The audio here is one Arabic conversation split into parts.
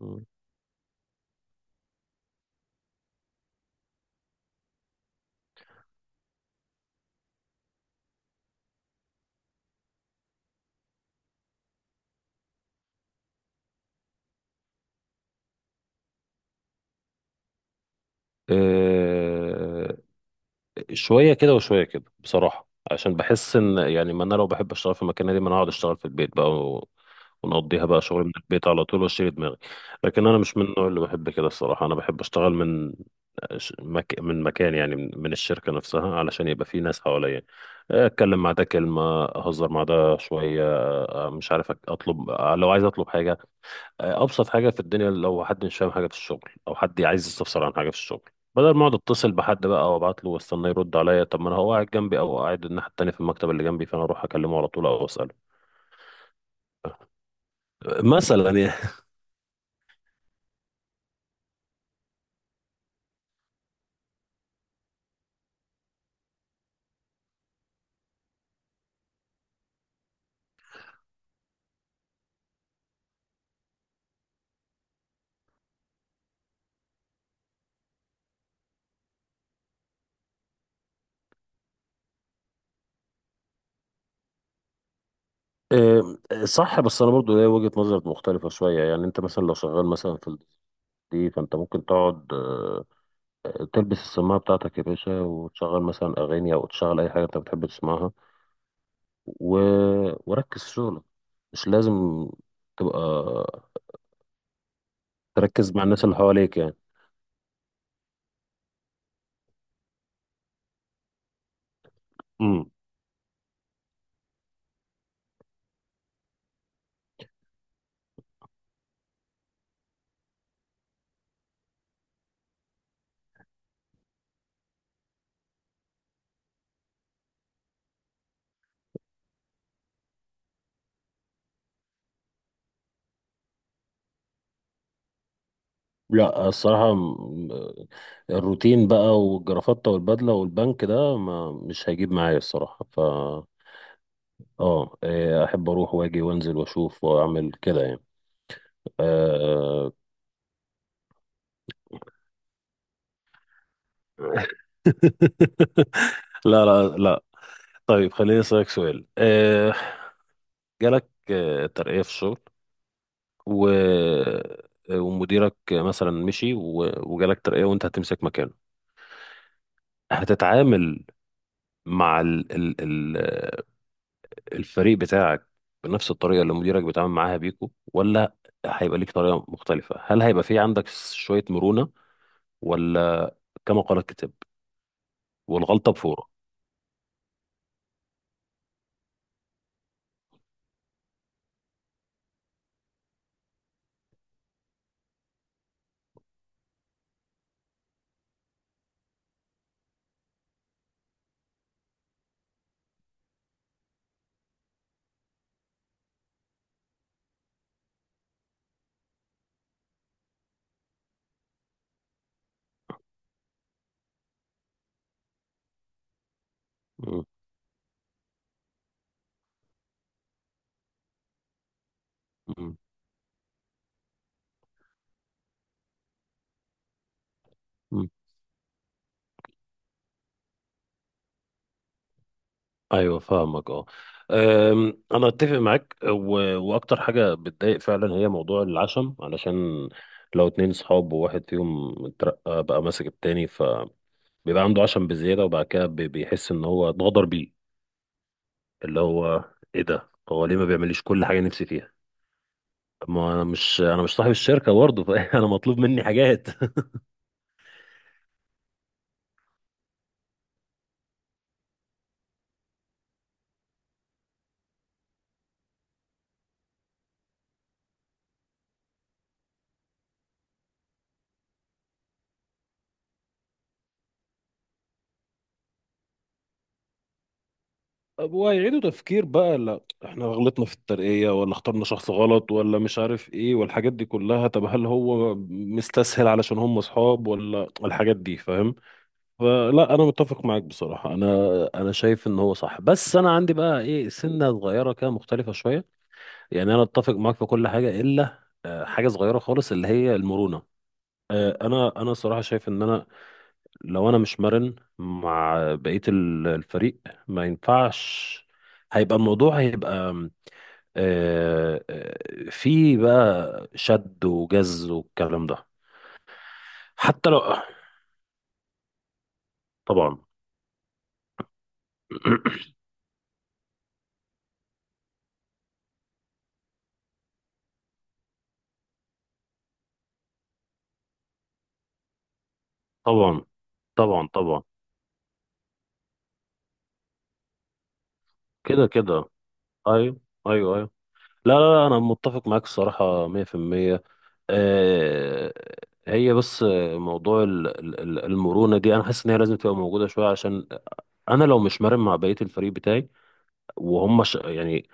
مم. آه، شوية كده وشوية كده بصراحة، عشان بحس ان يعني ما انا لو بحب اشتغل في المكان دي ما انا هقعد اشتغل في البيت بقى ونقضيها بقى شغل من البيت على طول واشيل دماغي. لكن انا مش من النوع اللي بحب كده الصراحة، انا بحب اشتغل من من مكان، يعني من الشركة نفسها علشان يبقى في ناس حواليا، اتكلم مع ده كلمة، اهزر مع ده شوية، مش عارف اطلب لو عايز اطلب حاجة. ابسط حاجه في الدنيا لو حد مش فاهم حاجه في الشغل او حد عايز يستفسر عن حاجه في الشغل، بدل ما اقعد اتصل بحد بقى وابعت له واستنى يرد عليا، طب ما انا هو قاعد جنبي او قاعد الناحيه التانيه في المكتب اللي جنبي، فانا اروح اكلمه على طول او اساله. مثلا يعني صح، بس انا برضو ليا وجهه نظر مختلفه شويه. يعني انت مثلا لو شغال مثلا في دي، فانت ممكن تقعد تلبس السماعه بتاعتك يا باشا وتشغل مثلا اغاني او تشغل اي حاجه انت بتحب تسمعها و... وركز في شغلك، مش لازم تبقى تركز مع الناس اللي حواليك يعني. امم. لا الصراحة، الروتين بقى والجرافطة والبدلة والبنك ده ما مش هيجيب معايا الصراحة. ف اه إيه، احب اروح واجي وانزل واشوف واعمل كده يعني. أه لا لا لا. طيب خليني اسالك سؤال. جالك ترقيه في الشغل و... آه، ومديرك مثلا مشي وجالك ترقيه وانت هتمسك مكانه، هتتعامل مع ال... الفريق بتاعك بنفس الطريقة اللي مديرك بيتعامل معاها بيكو، ولا هيبقى ليك طريقة مختلفة؟ هل هيبقى في عندك شوية مرونة، ولا كما قال الكتاب والغلطة بفورة؟ مم. مم. مم. ايوه فاهمك اه. انا اتفق معاك واكتر حاجه بتضايق فعلا هي موضوع العشم، علشان لو اتنين صحاب وواحد فيهم اترقى بقى ماسك التاني، فبيبقى عنده عشم بزياده وبعد كده بيحس ان هو اتغدر بيه. اللي هو ايه ده، هو ليه ما بيعمليش كل حاجه نفسي فيها؟ طب ما انا مش، انا مش صاحب الشركه برضه فانا مطلوب مني حاجات. طب وهيعيدوا تفكير بقى، لا احنا غلطنا في الترقية ولا اخترنا شخص غلط ولا مش عارف ايه والحاجات دي كلها، طب هل هو مستسهل علشان هم اصحاب، ولا الحاجات دي فاهم؟ فلا، انا متفق معاك بصراحة، انا انا شايف ان هو صح، بس انا عندي بقى ايه، سنة صغيرة كده مختلفة شوية. يعني انا اتفق معاك في كل حاجة الا حاجة صغيرة خالص اللي هي المرونة. انا صراحة شايف ان انا لو انا مش مرن مع بقية الفريق ما ينفعش، هيبقى الموضوع هيبقى في بقى شد وجز والكلام ده. حتى لو، طبعا طبعا طبعا طبعا. كده كده. ايوه. ايوه ايوه. لا لا لا، انا متفق معاك الصراحة 100%. آه، هي بس موضوع المرونة دي انا حاسس ان هي لازم تبقى موجودة شوية، عشان انا لو مش مرن مع بقية الفريق بتاعي يعني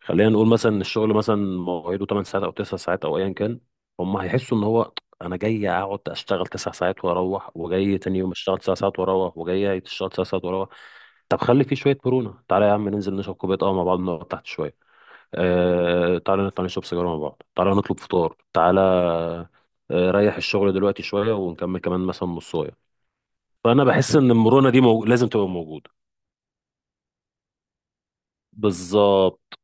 خلينا نقول مثلا إن الشغل مثلا مواعيده 8 ساعات او 9 ساعات او ايا كان، هم هيحسوا ان هو انا جاي اقعد اشتغل 9 ساعات واروح، وجاي تاني يوم اشتغل 9 ساعات واروح، وجاي اشتغل 9 ساعات واروح. طب خلي فيه شويه مرونه، تعالى يا عم ننزل نشرب كوبايه قهوه مع بعض، نقعد تحت شويه، تعالى نطلع نشرب سيجاره مع بعض، تعالى نطلب فطار، ريح الشغل دلوقتي شويه ونكمل كمان مثلا نصايه. فانا بحس ان المرونه دي لازم تبقى موجوده. بالظبط.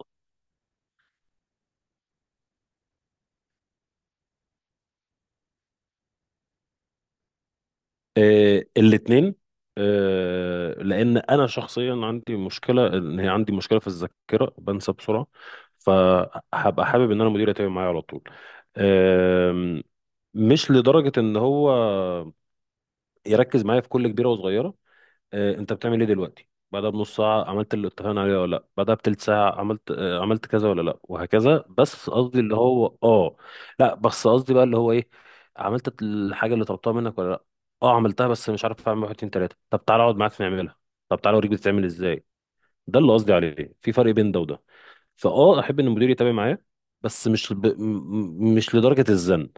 آه الاثنين. آه، لان انا شخصيا عندي مشكله، ان هي عندي مشكله في الذاكره، بنسى بسرعه. فهبقى حابب ان انا مديري يتابع معايا على طول، آم، مش لدرجه ان هو يركز معايا في كل كبيره وصغيره. انت بتعمل ايه دلوقتي، بعدها بنص ساعة عملت اللي اتفقنا عليه ولا لا، بعدها بتلت ساعة عملت كذا ولا لا، وهكذا. بس قصدي اللي هو اه، لا بس قصدي بقى اللي هو ايه، عملت الحاجة اللي طلبتها منك ولا لا. اه عملتها بس مش عارف، اعمل واحد اتنين تلاتة، طب تعالى اقعد معاك نعملها، طب تعالى اوريك بتتعمل ازاي. ده اللي قصدي عليه، في فرق بين ده وده. فاه احب ان المدير يتابع معايا، بس مش مش لدرجة الزن.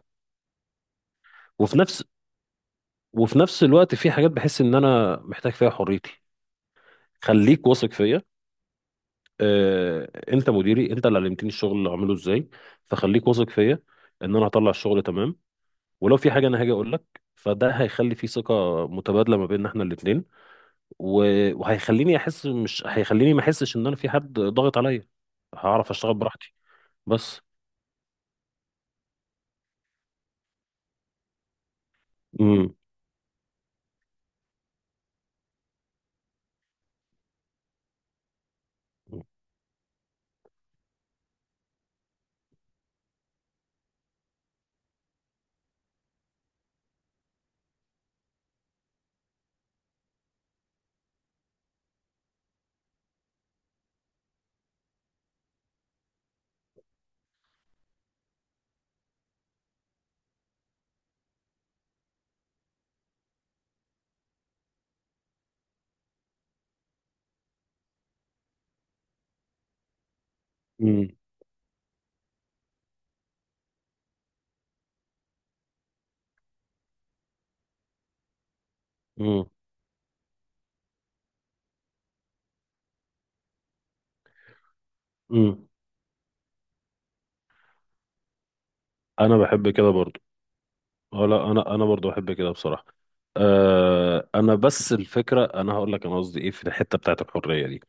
وفي نفس وفي نفس الوقت في حاجات بحس ان انا محتاج فيها حريتي، خليك واثق فيا. انت مديري، انت اللي علمتني الشغل اللي اعمله ازاي، فخليك واثق فيا ان انا هطلع الشغل تمام، ولو في حاجه انا هاجي اقول لك. فده هيخلي في ثقه متبادله ما بيننا احنا الاثنين، وهيخليني احس، مش هيخليني ما احسش ان انا في حد ضاغط عليا، هعرف اشتغل براحتي. بس. امم امم امم امم. انا بحب كده برضو. اه لا، انا برضو بحب كده بصراحه. أه، انا بس الفكره، انا هقول لك انا قصدي ايه في الحته بتاعت الحريه دي.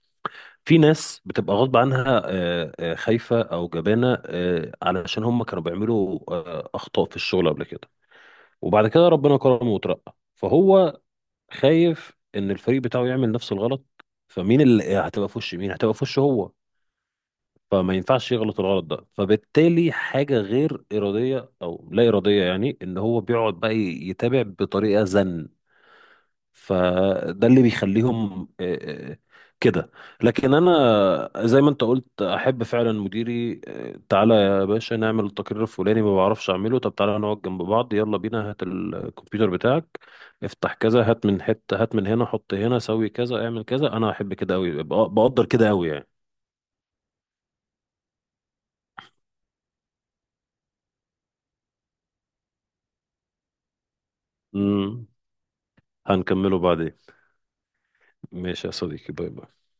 في ناس بتبقى غصب عنها خايفة أو جبانة، علشان هم كانوا بيعملوا أخطاء في الشغل قبل كده، وبعد كده ربنا كرمه وترقى، فهو خايف إن الفريق بتاعه يعمل نفس الغلط. فمين اللي هتبقى في وش مين، هتبقى في وش هو. فما ينفعش يغلط الغلط ده، فبالتالي حاجة غير إرادية أو لا إرادية، يعني إن هو بيقعد بقى يتابع بطريقة زن. فده اللي بيخليهم آه، كده. لكن انا زي ما انت قلت، احب فعلا مديري تعالى يا باشا نعمل التقرير الفلاني، ما بعرفش اعمله، طب تعالى نقعد جنب بعض، يلا بينا هات الكمبيوتر بتاعك، افتح كذا، هات من حتة، هات من هنا، حط هنا، سوي كذا، اعمل كذا. انا احب كده قوي، بقدر كده قوي يعني. امم. هنكمله بعدين. ماشي يا صديقي، باي باي.